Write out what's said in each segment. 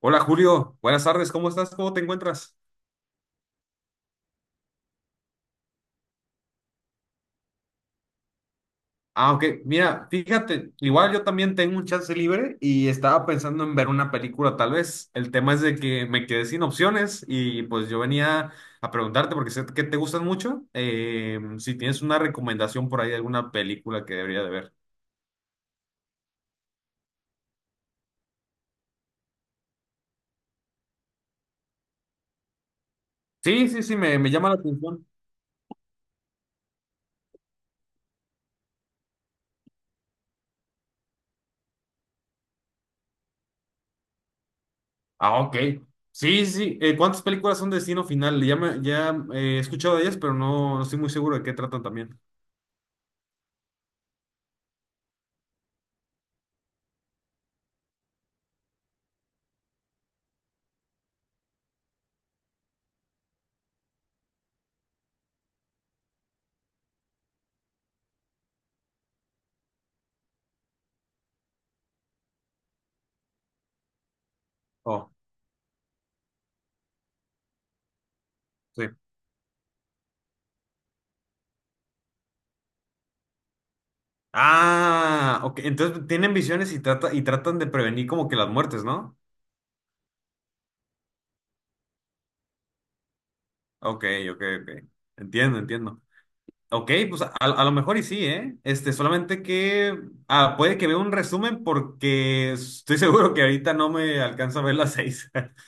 Hola Julio, buenas tardes, ¿cómo estás? ¿Cómo te encuentras? Ah, ok, mira, fíjate, igual yo también tengo un chance libre y estaba pensando en ver una película tal vez. El tema es de que me quedé sin opciones y pues yo venía a preguntarte porque sé que te gustan mucho, si tienes una recomendación por ahí de alguna película que debería de ver. Sí, sí, sí, me llama la atención. Ah, ok. Sí, sí, ¿cuántas películas son de Destino Final? Ya, ya he escuchado de ellas, pero no, no estoy muy seguro de qué tratan también. Oh, sí. Ah, ok. Entonces tienen visiones y tratan de prevenir como que las muertes, ¿no? Ok, ok, ok. Entiendo, entiendo. Ok, pues a lo mejor y sí, ¿eh? Este, solamente que ah, puede que vea un resumen porque estoy seguro que ahorita no me alcanza a ver las seis.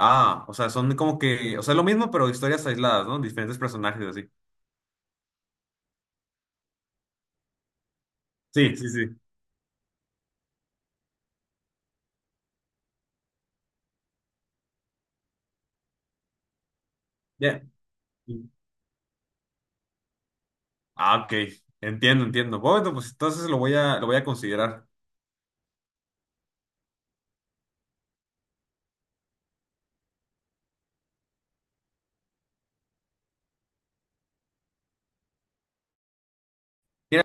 Ah, o sea, son como que, o sea, es lo mismo, pero historias aisladas, ¿no? Diferentes personajes así. Sí, sí, sí. Ya. Ah, ok. Entiendo, entiendo. Bueno, pues entonces lo voy lo voy a considerar. Mira.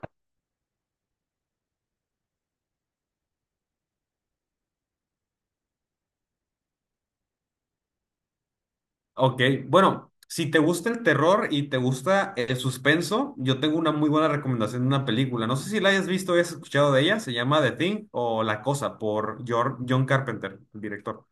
Ok, bueno, si te gusta el terror y te gusta el suspenso, yo tengo una muy buena recomendación de una película. No sé si la hayas visto o hayas escuchado de ella, se llama The Thing o La Cosa por John Carpenter, el director.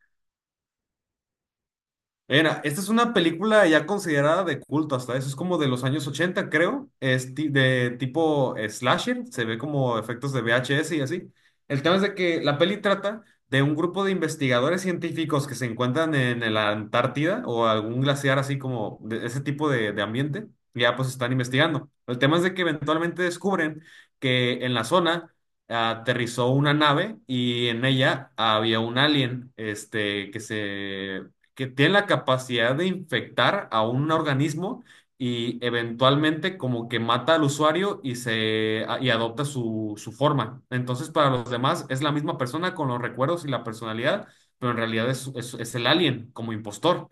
Mira, esta es una película ya considerada de culto hasta eso, es como de los años 80 creo, es de tipo slasher, se ve como efectos de VHS y así. El tema es de que la peli trata de un grupo de investigadores científicos que se encuentran en la Antártida o algún glaciar así como de ese tipo de ambiente, y ya pues están investigando. El tema es de que eventualmente descubren que en la zona aterrizó una nave y en ella había un alien, que tienen la capacidad de infectar a un organismo y eventualmente como que mata al usuario y adopta su forma. Entonces, para los demás es la misma persona con los recuerdos y la personalidad, pero en realidad es el alien como impostor.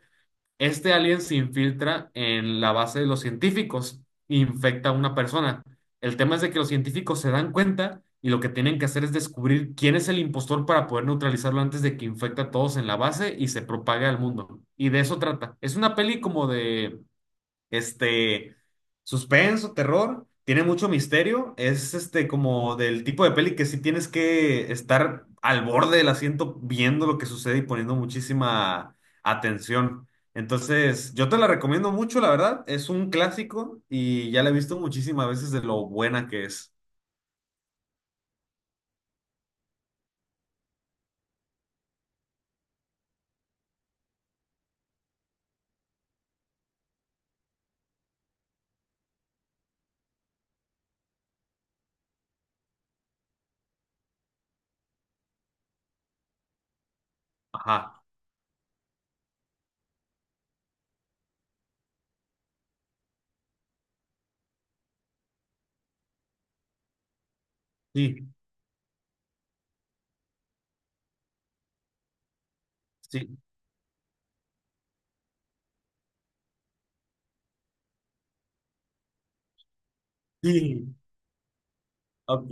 Este alien se infiltra en la base de los científicos, e infecta a una persona. El tema es de que los científicos se dan cuenta y lo que tienen que hacer es descubrir quién es el impostor para poder neutralizarlo antes de que infecte a todos en la base y se propague al mundo. Y de eso trata. Es una peli como de este, suspenso, terror, tiene mucho misterio, es este como del tipo de peli que sí tienes que estar al borde del asiento viendo lo que sucede y poniendo muchísima atención. Entonces, yo te la recomiendo mucho, la verdad, es un clásico y ya la he visto muchísimas veces de lo buena que es. Ajá, sí, sí, sí, ok,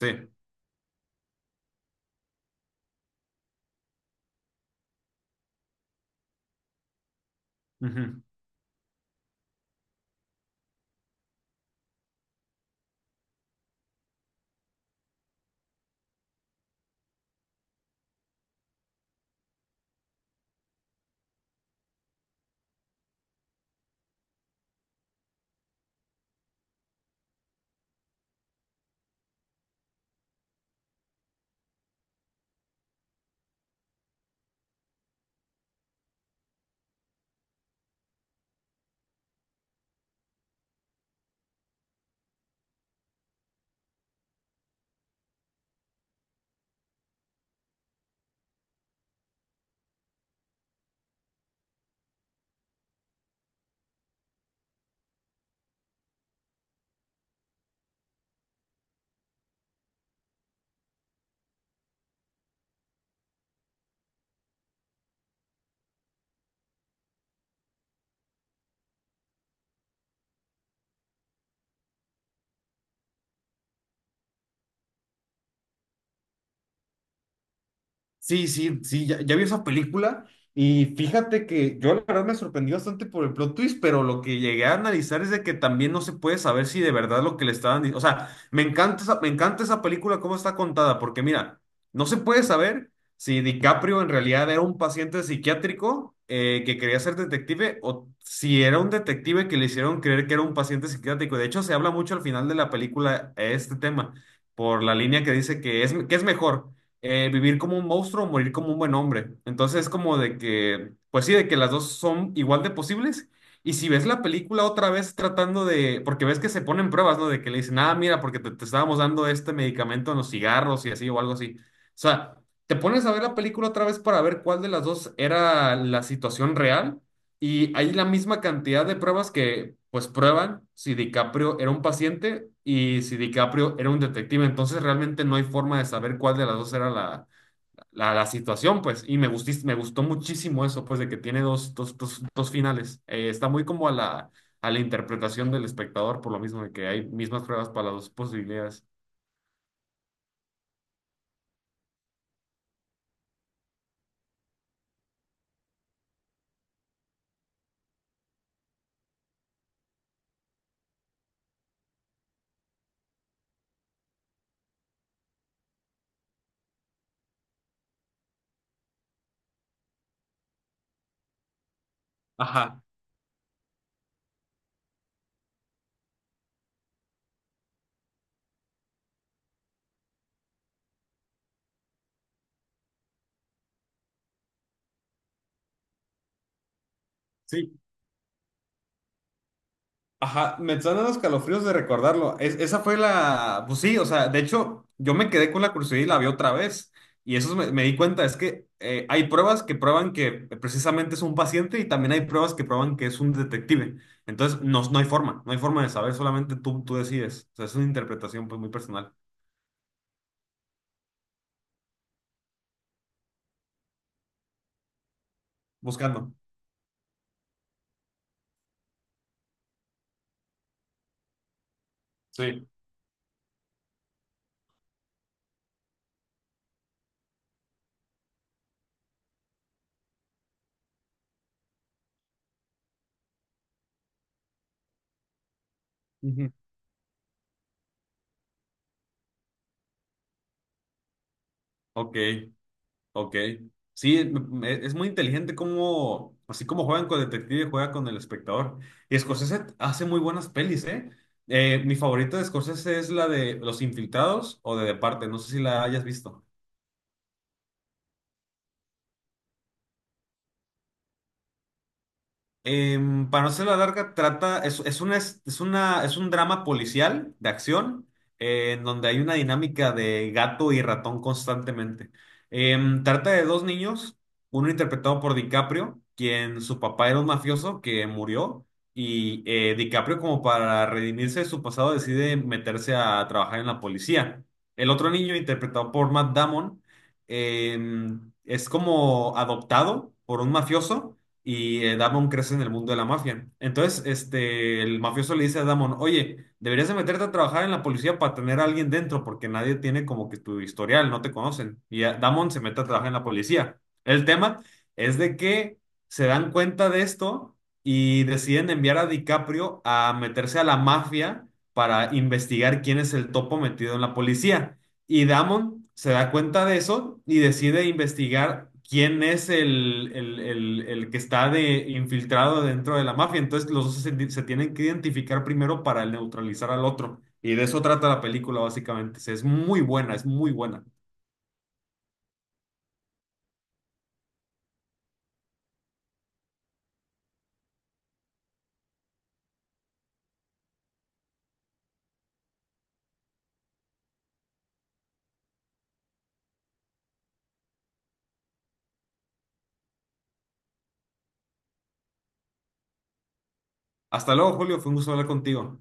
sí. Ujú. Sí, sí, sí, ya vi esa película y fíjate que yo la verdad me sorprendí bastante por el plot twist, pero lo que llegué a analizar es de que también no se puede saber si de verdad lo que le estaban diciendo, o sea, me encanta me encanta esa película cómo está contada, porque mira, no se puede saber si DiCaprio en realidad era un paciente psiquiátrico que quería ser detective o si era un detective que le hicieron creer que era un paciente psiquiátrico. De hecho, se habla mucho al final de la película este tema, por la línea que dice que que es mejor vivir como un monstruo o morir como un buen hombre. Entonces es como de que, pues sí, de que las dos son igual de posibles. Y si ves la película otra vez tratando de, porque ves que se ponen pruebas, ¿no? De que le dicen, ah, mira, porque te estábamos dando este medicamento en los cigarros y así o algo así. O sea, te pones a ver la película otra vez para ver cuál de las dos era la situación real y hay la misma cantidad de pruebas que pues prueban si DiCaprio era un paciente y si DiCaprio era un detective. Entonces realmente no hay forma de saber cuál de las dos era la situación, pues. Y me gustó muchísimo eso, pues, de que tiene dos finales. Está muy como a a la interpretación del espectador, por lo mismo de que hay mismas pruebas para las dos posibilidades. Ajá. Sí. Ajá, me están dando escalofríos de recordarlo. Esa fue la, pues sí, o sea, de hecho, yo me quedé con la curiosidad y la vi otra vez. Y eso me di cuenta, es que hay pruebas que prueban que precisamente es un paciente y también hay pruebas que prueban que es un detective. Entonces, no, no hay forma, no hay forma de saber, solamente tú decides. O sea, es una interpretación pues muy personal, buscando. Sí. Ujú. Ok. Ok. Sí, me- es muy inteligente cómo, así como juegan con el detective, juega con el espectador. Y Scorsese hace muy buenas pelis, ¿eh? Mi favorita de Scorsese es la de Los Infiltrados o de Departe, no sé si la hayas visto. Em, para no ser la larga, trata, es una, es una, es un drama policial de acción en donde hay una dinámica de gato y ratón constantemente. Em, trata de dos niños, uno interpretado por DiCaprio, quien su papá era un mafioso que murió, y DiCaprio como para redimirse de su pasado decide meterse a trabajar en la policía. El otro niño, interpretado por Matt Damon, em, es como adoptado por un mafioso y Damon crece en el mundo de la mafia. Entonces, este, el mafioso le dice a Damon, oye, deberías de meterte a trabajar en la policía para tener a alguien dentro, porque nadie tiene como que tu historial, no te conocen. Y Damon se mete a trabajar en la policía. El tema es de que se dan cuenta de esto y deciden enviar a DiCaprio a meterse a la mafia para investigar quién es el topo metido en la policía. Y Damon se da cuenta de eso y decide investigar quién es el que está de, infiltrado dentro de la mafia. Entonces los dos se tienen que identificar primero para neutralizar al otro. Y de eso trata la película, básicamente. Es muy buena, es muy buena. Hasta luego, Julio. Fue un gusto hablar contigo.